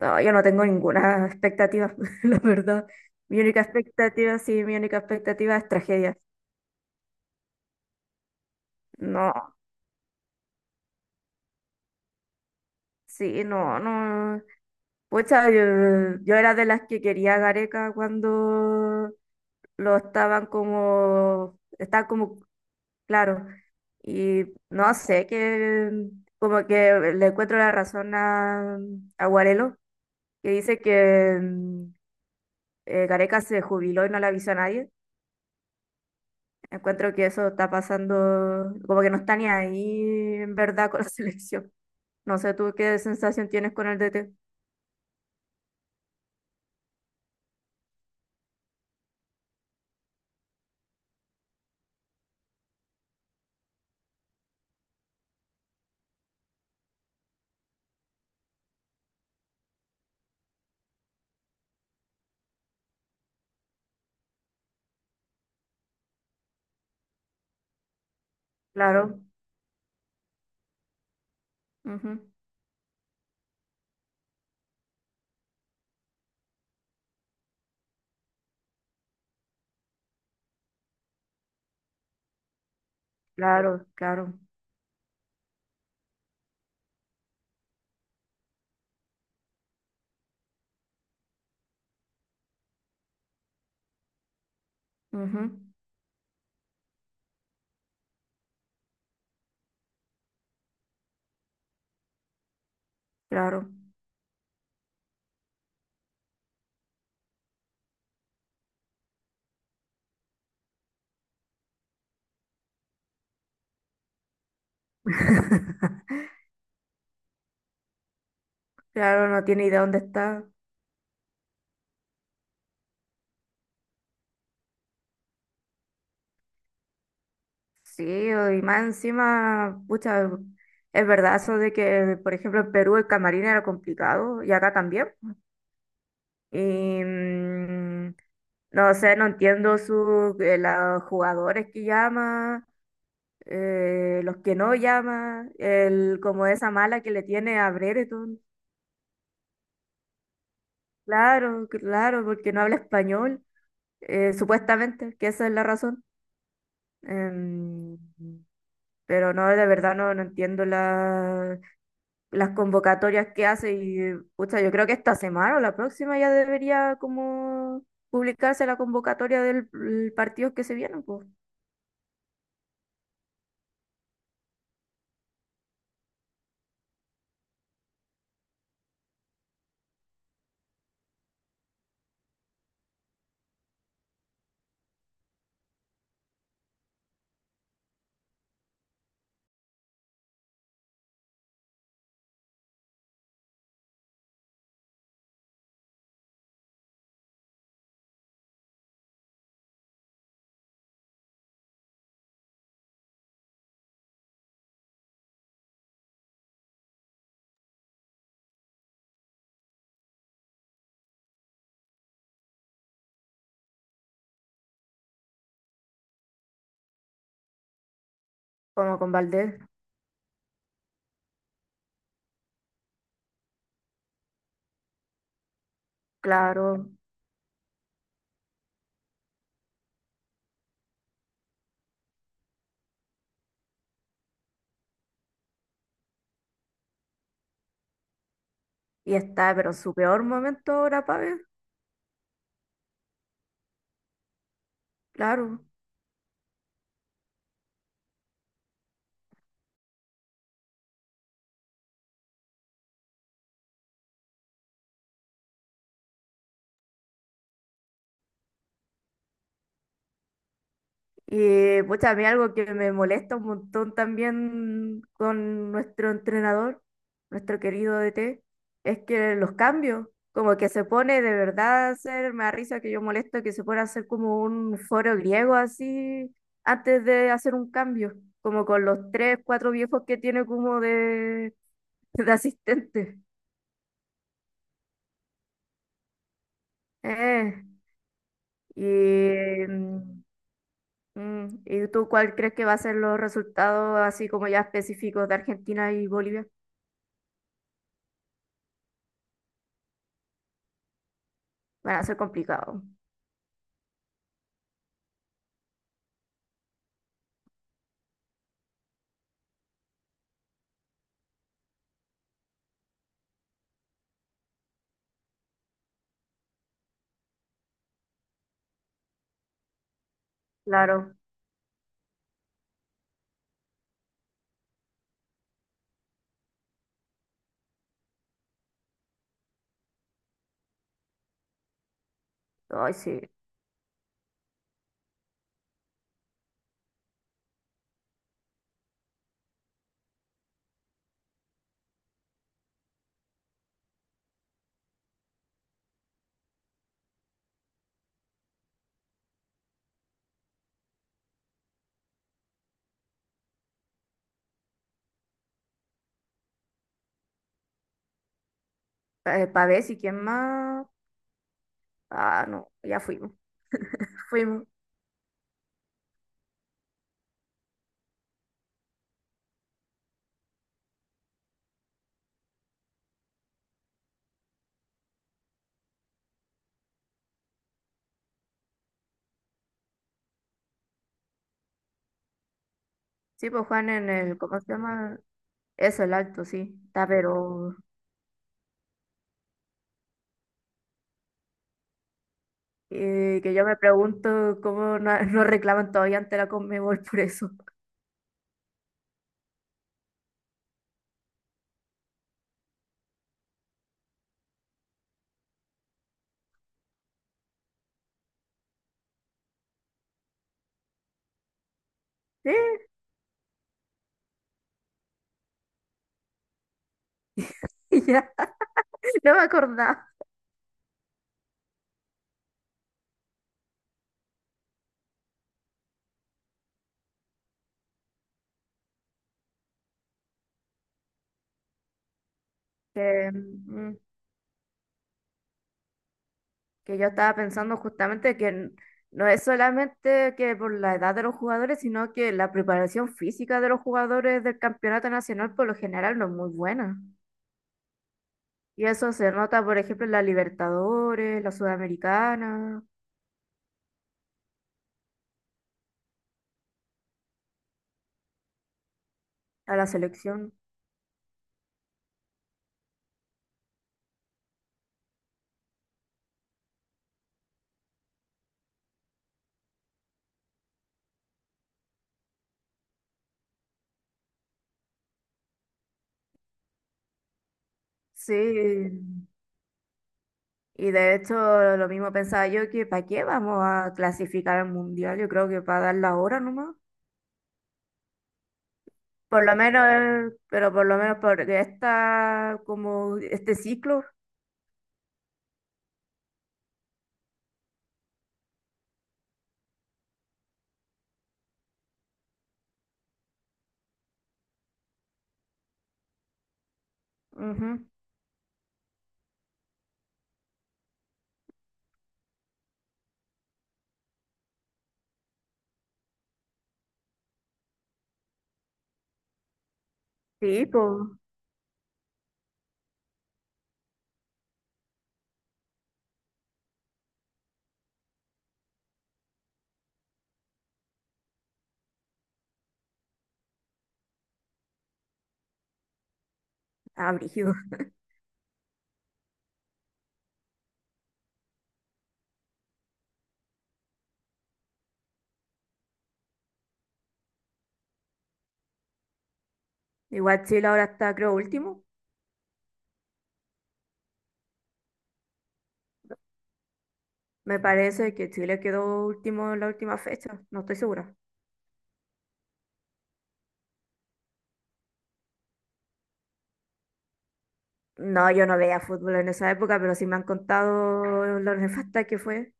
No, yo no tengo ninguna expectativa, la verdad. Mi única expectativa, sí, mi única expectativa es tragedia. No, sí, no, no. Pucha, yo era de las que quería a Gareca cuando lo estaban como, está como, claro. Y no sé, que como que le encuentro la razón a Guarelo, que dice que Gareca se jubiló y no le avisó a nadie. Encuentro que eso está pasando, como que no está ni ahí en verdad con la selección. No sé tú qué sensación tienes con el DT. Claro, ujú, claro, ujú, claro, claro, no tiene idea dónde está. Sí, y más encima, pucha, es verdad eso de que, por ejemplo, en Perú el camarín era complicado y acá también. Y no sé, no entiendo su, los jugadores que llama los que no llama, el, como esa mala que le tiene a Brereton. Claro, claro, porque no habla español, supuestamente, que esa es la razón. Em, pero no, de verdad no, no entiendo las convocatorias que hace y, pucha, yo creo que esta semana o la próxima ya debería como publicarse la convocatoria del el partido que se viene, pues, como con Valdés, claro. Y está, pero en su peor momento ahora, Pavel, claro. Y pues a mí algo que me molesta un montón también con nuestro entrenador, nuestro querido DT, es que los cambios, como que se pone de verdad a hacer, me da risa que yo molesto que se pone a hacer como un foro griego así antes de hacer un cambio, como con los tres, cuatro viejos que tiene como de, de asistente. Eh, y ¿y tú cuál crees que va a ser los resultados así como ya específicos de Argentina y Bolivia? Van a ser complicado. Claro. Ay, sí. Pavés y quién más. Ah, no, ya fuimos. Fuimos. Sí, pues Juan en el, ¿cómo se llama? Eso, el acto, sí. Está, pero que yo me pregunto cómo no, no reclaman todavía ante la Conmebol por eso. Sí, ya, no me acordaba. Que, que yo estaba pensando justamente no es solamente que por la edad de los jugadores, sino que la preparación física de los jugadores del campeonato nacional por lo general no es muy buena. Y eso se nota, por ejemplo, en la Libertadores, la Sudamericana, a la selección. Sí, y de hecho lo mismo pensaba yo que ¿para qué vamos a clasificar al mundial? Yo creo que para dar la hora nomás. Por lo menos, pero por lo menos por esta, como este ciclo. Ujú. Sí, pues, abrigo. Igual Chile ahora está, creo, último. Me parece que Chile quedó último en la última fecha, no estoy segura. No, yo no veía fútbol en esa época, pero sí me han contado lo nefasta que fue.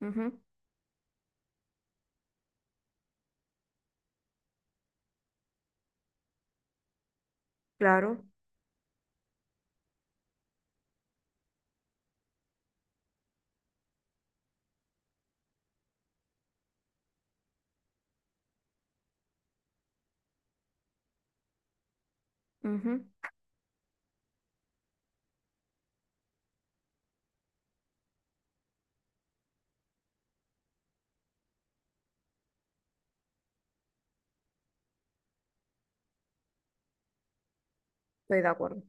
Ujú, claro, ujú, estoy de acuerdo.